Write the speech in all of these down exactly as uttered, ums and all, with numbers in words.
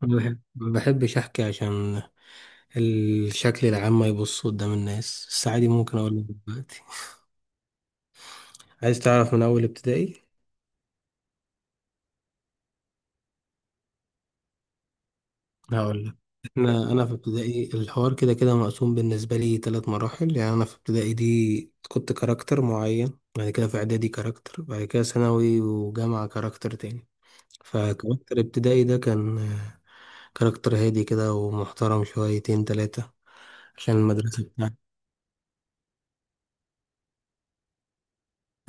ما بحب- ما بحبش احكي عشان الشكل العام ما يبص قدام الناس، بس عادي ممكن اقول لك دلوقتي. عايز تعرف من اول ابتدائي؟ هقول لك. احنا انا في ابتدائي الحوار كده كده مقسوم بالنسبه لي ثلاث مراحل. يعني انا في ابتدائي دي كنت كاركتر معين، بعد كده في اعدادي كاركتر، بعد كده ثانوي وجامعه كاركتر تاني. فكاركتر ابتدائي ده كان كاركتر هادي كده ومحترم شويتين تلاتة، عشان المدرسة.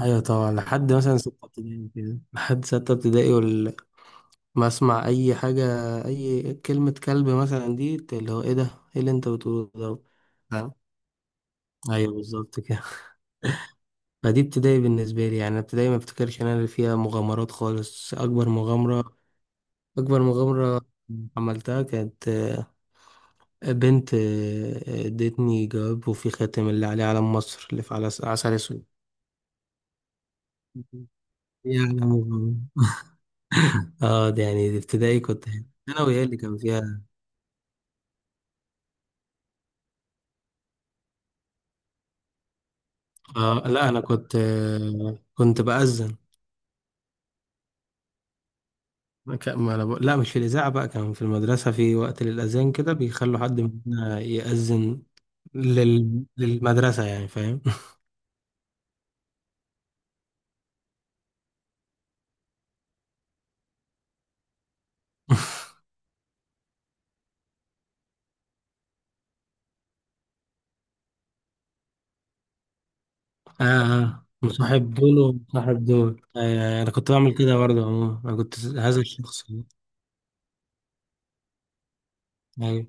ايوه طبعا، لحد مثلا ستة ابتدائي كده، لحد ستة ابتدائي ولا ما اسمع اي حاجة. اي كلمة كلب مثلا دي اللي هو ايه ده، ايه اللي انت بتقوله ده؟ فاهم؟ ايوه بالظبط كده. فدي ابتدائي بالنسبة لي، يعني ابتدائي ما افتكرش انا اللي فيها مغامرات خالص. اكبر مغامرة، اكبر مغامرة عملتها كانت آه، بنت آه، ادتني جواب وفي خاتم اللي عليه علم مصر اللي في على- عسل اسود. يعني مغامرة. اه، ده يعني دي ابتدائي كنت. ثانوي هي اللي كان فيها. آه لا، انا كنت آه كنت باذن. ك- ما أنا بقول- لا، مش في الاذاعه بقى، كان في المدرسه في وقت للاذان كده بيخلوا حد مننا ياذن لل... للمدرسه، يعني فاهم. اه، آه، مصاحب دول ومصاحب دول. آه انا كنت بعمل كده برضه. عموما انا كنت هذا الشخص ده. ايوه،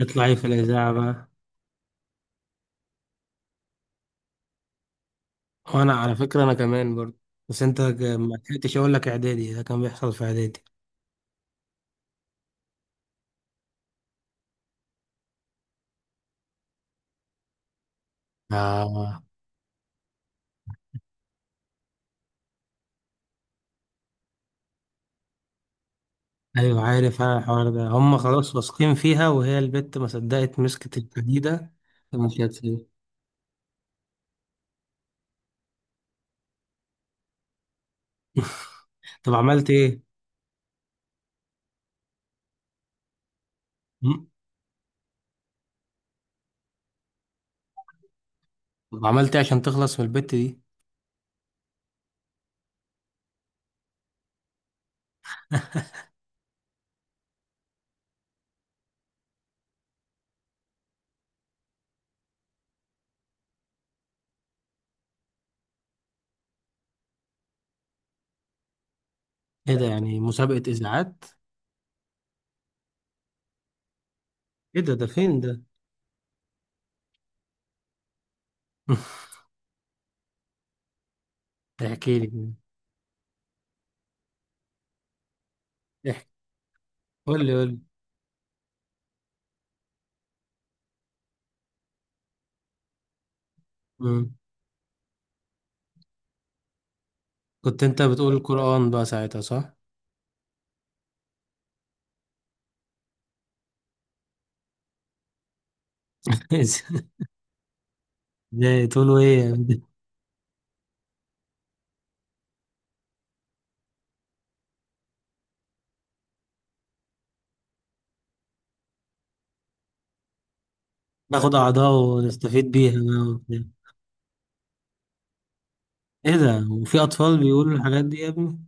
اطلعي في الاذاعه بقى. وانا على فكره انا كمان برضه، بس انت ك- ما لحقتش اقول لك، اعدادي ده كان بيحصل في اعدادي. آه ايوه، عارف انا الحوار ده هم خلاص واثقين فيها وهي البت ما صدقت مسكت الحديده ومشيت، هتسيب؟ طب عملت ايه؟ م؟ طب عملت ايه عشان تخلص من البت دي؟ ايه ده، يعني مسابقه اذاعات؟ ايه ده، ده فين ده؟ احكي لي. احكي، قول لي قول لي. مم. كنت انت بتقول القران بقى ساعتها، صح؟ ازاي، تقولوا ايه؟ ناخد اعضاء ونستفيد بيها بقى وبتاع. ايه ده؟ وفي اطفال بيقولوا الحاجات دي يا ابني؟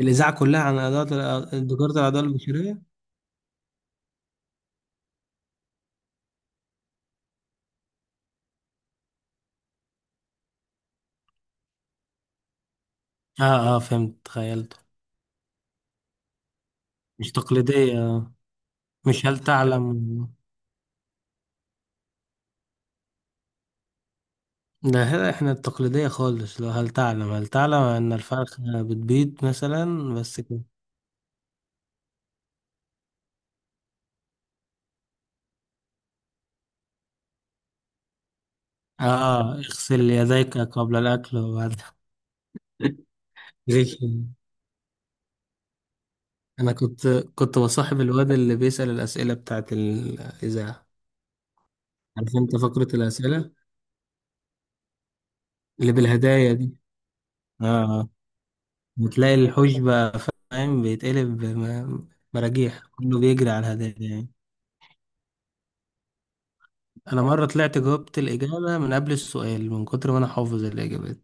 الاذاعه كلها عن اعضاء، دكاره الاعضاء البشريه. اه اه، فهمت تخيلت. مش تقليدية آه. مش هل تعلم. ده هنا احنا التقليدية خالص، لو هل تعلم هل تعلم ان الفرخة بتبيض مثلا، بس كده. اه، اغسل يديك قبل الاكل وبعد. زي كده. انا كنت كنت بصاحب الواد اللي بيسأل الأسئلة بتاعت الإذاعة. عارف انت فقرة الأسئلة، اللي بالهدايا دي. اه آه. بتلاقي الحوش بقى فاهم بيتقلب بم- مراجيح، كله بيجري على الهدايا. انا مره طلعت جاوبت الاجابه من قبل السؤال من كتر ما انا حافظ الاجابات،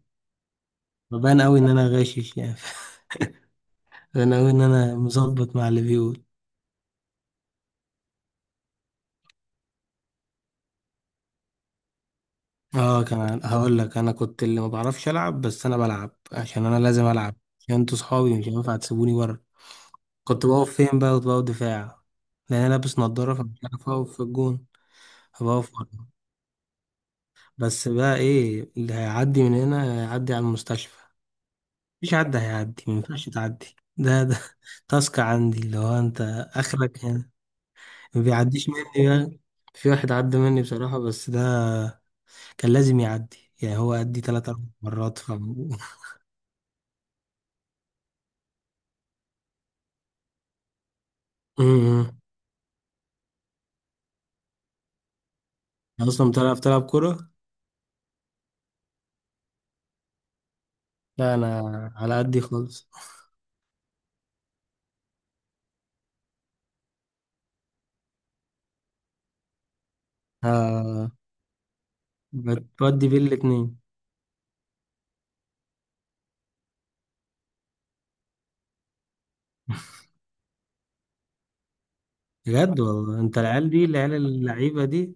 فبان قوي ان انا غاشش يعني. باين قوي ان انا مظبط مع اللي بيقول. اه كمان هقول لك، انا كنت اللي ما بعرفش العب، بس انا بلعب عشان انا لازم العب عشان انتوا صحابي مش هينفع تسيبوني بره. كنت بقف فين بقى؟ كنت بقف دفاع، لان انا لابس نضاره فمش عارف اقف في الجون. فبقف بره. بس بقى ايه اللي هيعدي من هنا؟ هيعدي على المستشفى. مفيش حد هيعدي، ما ينفعش تعدي، ده ده تاسك عندي اللي هو انت، اخرك يعني. ما بيعديش مني بقى. في واحد عدى مني بصراحة، بس ده كان لازم يعدي يعني، هو عدي تلات أربع مرات ف أمم. أصلا بتعرف تلعب كورة؟ لا أنا على قدي خالص. آه، بتودي بين الاتنين. بجد والله، أنت العيال دي العيال اللعيبة دي.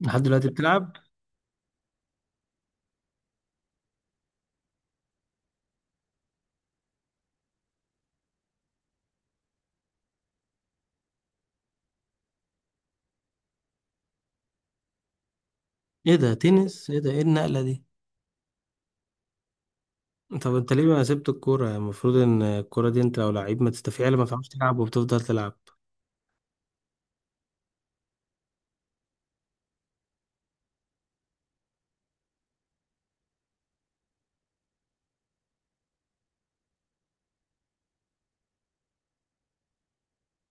لحد دلوقتي بتلعب؟ إيه ده تنس؟ إيه ده، إيه النقلة دي؟ طب انت ليه ما سبت الكورة؟ المفروض ان الكورة دي انت لو لعيب ما تستفيع ما تعرفش تلعب وبتفضل تلعب.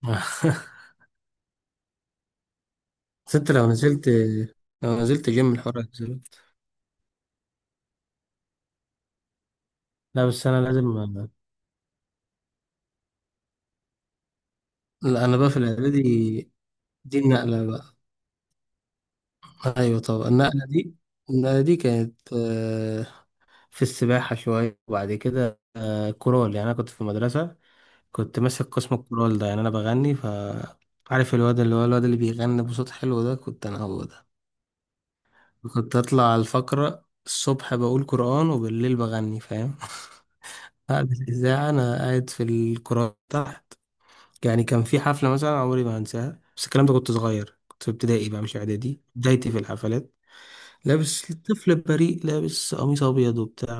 بس انت لو نزلت، لو نزلت جيم الحوار هيتظبط. لا بس انا لازم. لا انا بقى في الاعدادي، دي النقلة بقى. ايوه طبعا، النقلة دي، النقلة دي كانت آه، في السباحة شوية، وبعد كده آه، كورال. يعني انا كنت في مدرسة كنت ماسك قسم الكورال ده، يعني انا بغني ف عارف الواد اللي هو الواد اللي بيغني بصوت حلو ده، كنت انا هو ده. كنت اطلع على الفقرة الصبح بقول قرآن وبالليل بغني، فاهم. بعد الإذاعة أنا قاعد في القرآن تحت. يعني كان في حفلة مثلا عمري ما هنساها، بس الكلام ده كنت صغير، كنت في ابتدائي بقى مش إعدادي بدايتي في الحفلات. لابس طفل بريء، لابس قميص أبيض وبتاع،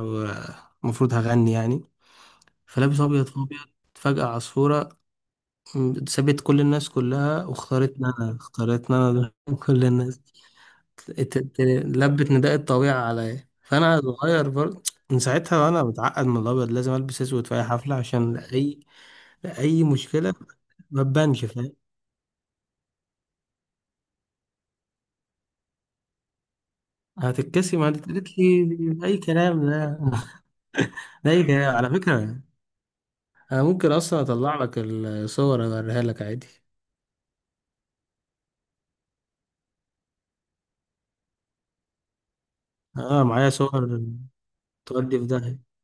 المفروض هغني يعني، فلابس أبيض في أبيض. فجأة عصفورة م- سابت كل الناس كلها واختارتنا أنا، اختارتنا أنا. كل الناس، ت- ت- لبت نداء الطويعة عليا، فأنا صغير برضه. من ساعتها وأنا متعقد من الأبيض، لازم ألبس أسود في أي حفلة عشان أي، أي مشكلة ما تبانش فاهم. هتتكسي، ما قالت لي؟ أي كلام ده، ده أي كلام على فكرة. أنا ممكن أصلا أطلع لك الصور أوريها لك عادي. أنا معايا صور، تودي في داهية.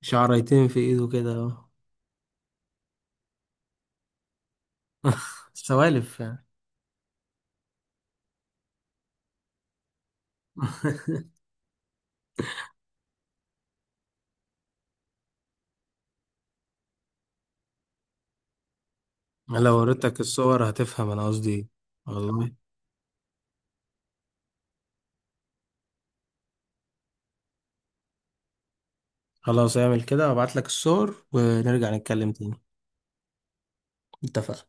شعريتين في إيده كده أهو. سوالف يعني. لو وريتك الصور هتفهم أنا قصدي إيه. والله. خلاص اعمل كده وابعت لك الصور ونرجع نتكلم تاني. اتفقنا.